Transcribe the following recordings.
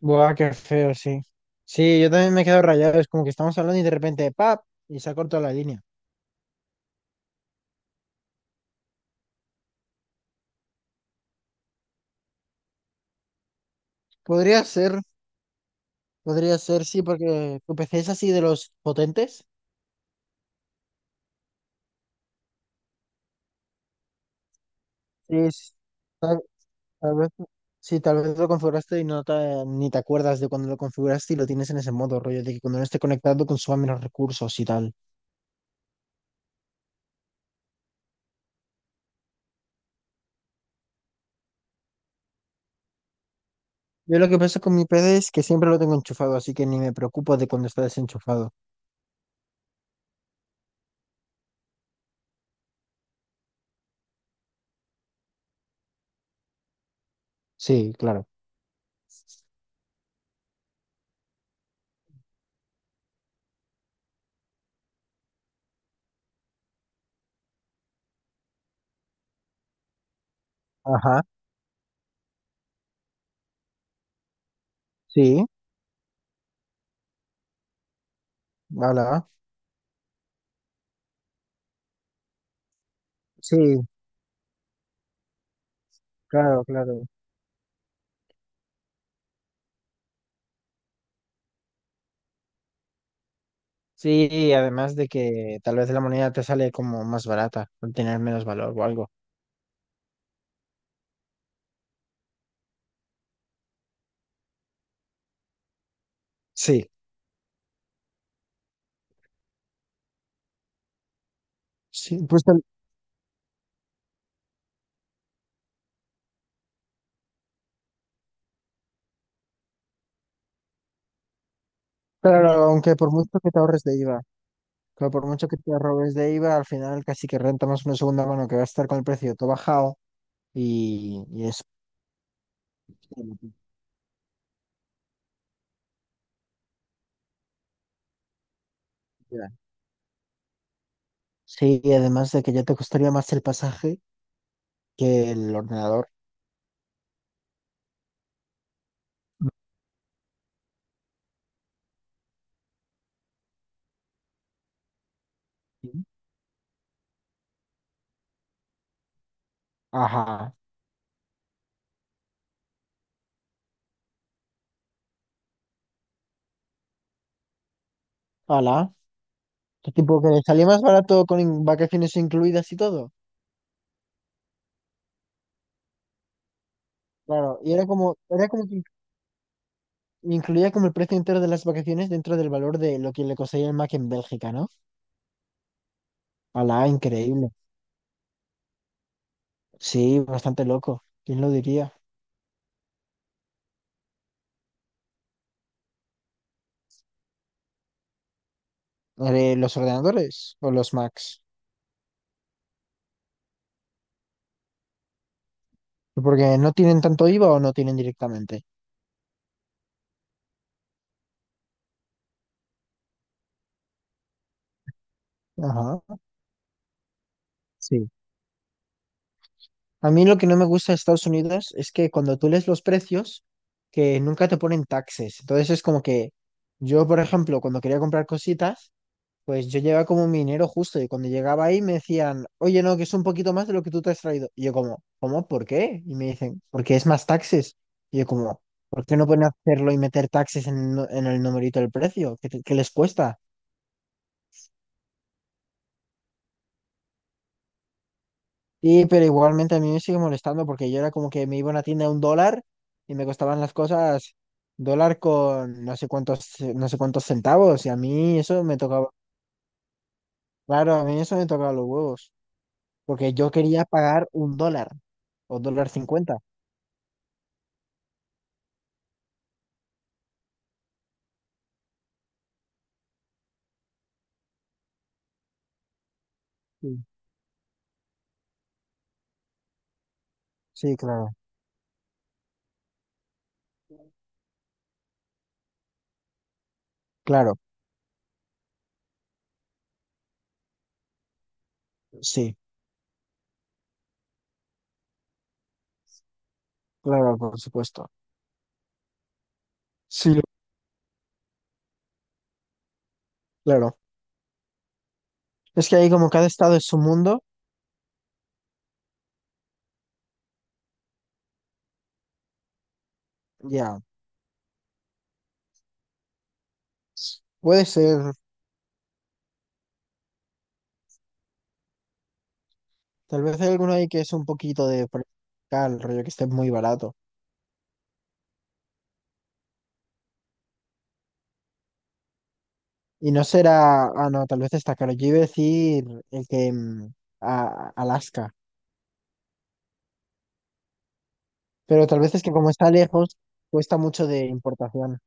Buah, qué feo, sí. Sí, yo también me quedo rayado. Es como que estamos hablando y de repente, ¡pap! Y se ha cortado la línea. Podría ser, podría ser, sí, porque tu PC es así de los potentes. Sí, tal, tal vez, sí, tal vez lo configuraste y ni te acuerdas de cuando lo configuraste y lo tienes en ese modo, rollo, de que cuando no esté conectado consuma menos recursos y tal. Yo lo que pasa con mi PC es que siempre lo tengo enchufado, así que ni me preocupo de cuando está desenchufado. Sí, claro. Ajá, sí, hola. Sí, claro, claro. Sí, además de que tal vez la moneda te sale como más barata, al tener menos valor o algo. Sí, sí, claro, aunque por mucho que te ahorres de IVA, claro, por mucho que te ahorres de IVA, al final casi que renta más una segunda mano que va a estar con el precio todo bajado y eso es lo que te queda. Sí, y además de que ya te costaría más el pasaje que el ordenador. Ujú. Ajá. Hola. Qué tipo que le salía más barato con vacaciones incluidas y todo. Claro, y era como incluía como el precio entero de las vacaciones dentro del valor de lo que le costaría el Mac en Bélgica, ¿no? Alá, increíble. Sí, bastante loco. ¿Quién lo diría? ¿Los ordenadores o los Macs? Porque no tienen tanto IVA o no tienen directamente. Ajá, sí. A mí lo que no me gusta de Estados Unidos es que cuando tú lees los precios, que nunca te ponen taxes. Entonces es como que yo, por ejemplo, cuando quería comprar cositas, pues yo llegaba como minero justo y cuando llegaba ahí me decían, oye, no, que es un poquito más de lo que tú te has traído. Y yo como, ¿cómo? ¿Por qué? Y me dicen, porque es más taxes. Y yo como, ¿por qué no pueden hacerlo y meter taxes en el numerito del precio? ¿Qué les cuesta? Y pero igualmente a mí me sigue molestando porque yo era como que me iba a una tienda a un dólar y me costaban las cosas dólar con no sé cuántos, no sé cuántos centavos. Y a mí eso me tocaba, claro, a mí eso me tocaba los huevos. Porque yo quería pagar un dólar o dólar cincuenta. Sí, sí, claro, claro, sí, claro, por supuesto. Sí, claro. Es que ahí como cada estado es su mundo, ya. Puede ser, tal vez hay alguno ahí que es un poquito de por acá, el rollo que esté muy barato. Y no será, ah, no, tal vez está caro. Yo iba a decir el que a Alaska, pero tal vez es que como está lejos, cuesta mucho de importación.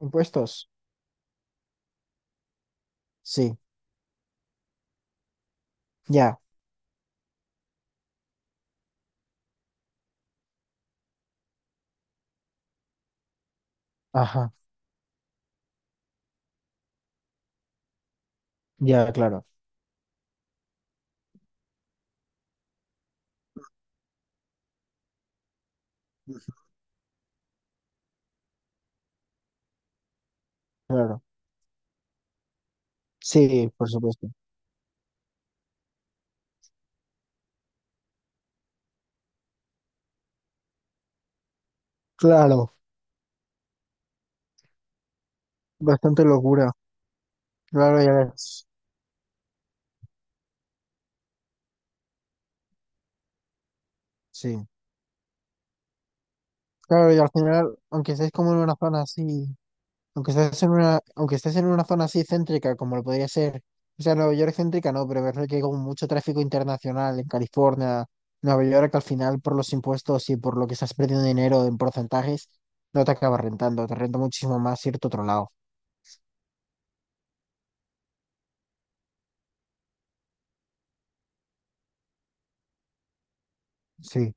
¿Impuestos? Sí, ya, ajá, ya, claro, claro. Sí, por supuesto. Claro, bastante locura. Claro, ya ves. Sí. Claro, y al final, aunque estés como en una zona así, aunque estés en una, aunque estés en una zona así céntrica, como lo podría ser, o sea, Nueva York céntrica no, pero ver que hay como mucho tráfico internacional en California, Nueva York, al final por los impuestos y por lo que estás perdiendo dinero en porcentajes, no te acaba rentando, te renta muchísimo más irte a otro lado. Sí,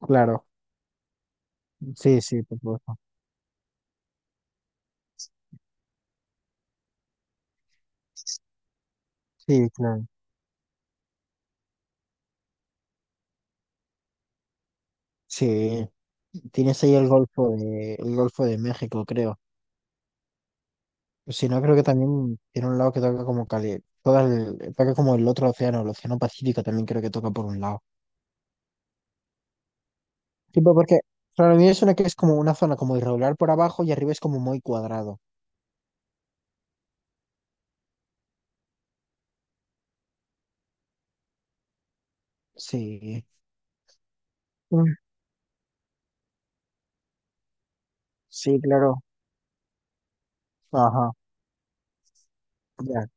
claro. Sí, sí, por supuesto. Sí, claro. Sí. Tienes ahí el Golfo de México, creo. Pues si no, creo que también tiene un lado que toca como Cali, todo el, toca como el otro océano, el océano Pacífico también creo que toca por un lado. Tipo, porque para mí es una que es como una zona como irregular por abajo y arriba es como muy cuadrado. Sí. Mm, sí, claro. Ajá. Ya.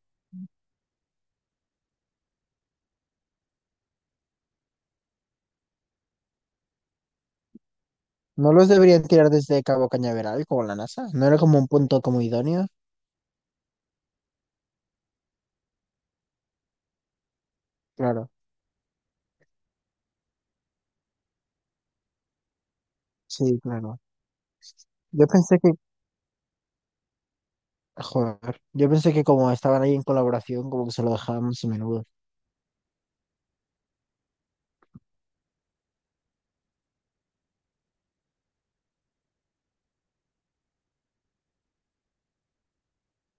¿No los deberían tirar desde Cabo Cañaveral como la NASA? ¿No era como un punto como idóneo? Claro. Sí, claro. Yo pensé que, joder, yo pensé que como estaban ahí en colaboración, como que se lo dejábamos a menudo.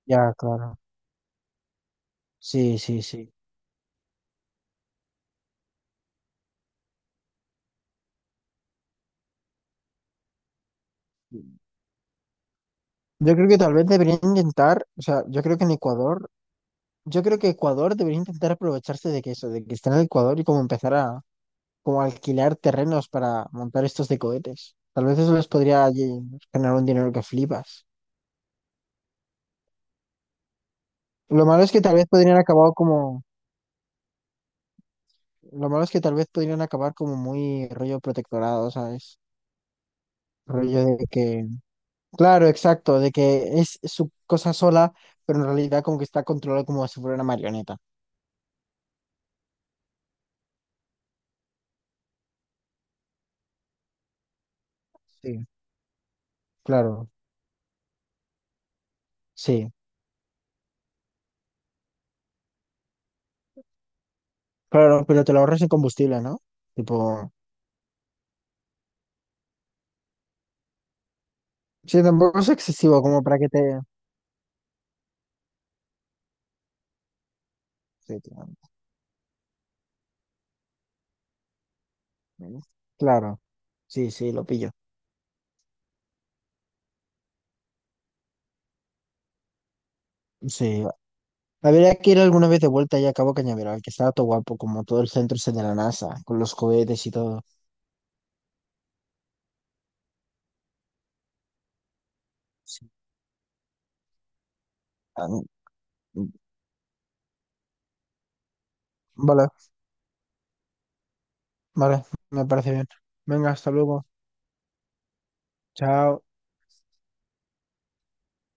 Ya, claro. Sí, sí, sí. Yo creo que tal vez deberían intentar, o sea, yo creo que en Ecuador, yo creo que Ecuador debería intentar aprovecharse de que eso, de que están en Ecuador y como empezar a como alquilar terrenos para montar estos de cohetes. Tal vez eso les podría allí generar un dinero que flipas. Lo malo es que tal vez podrían acabar como, lo malo es que tal vez podrían acabar como muy rollo protectorado, ¿sabes? Rollo de que, claro, exacto, de que es su cosa sola, pero en realidad como que está controlado como si fuera una marioneta. Sí, claro, sí. Claro, no, pero te lo ahorras en combustible, ¿no? Tipo, sí, tampoco es excesivo como para que te... Sí, claro, claro, sí, sí, lo pillo. Sí, habría que ir alguna vez de vuelta ya a Cabo Cañaveral, que está todo guapo, como todo el centro ese de la NASA, con los cohetes y todo. Sí. Ah, vale, vale, me parece bien. Venga, hasta luego. Chao.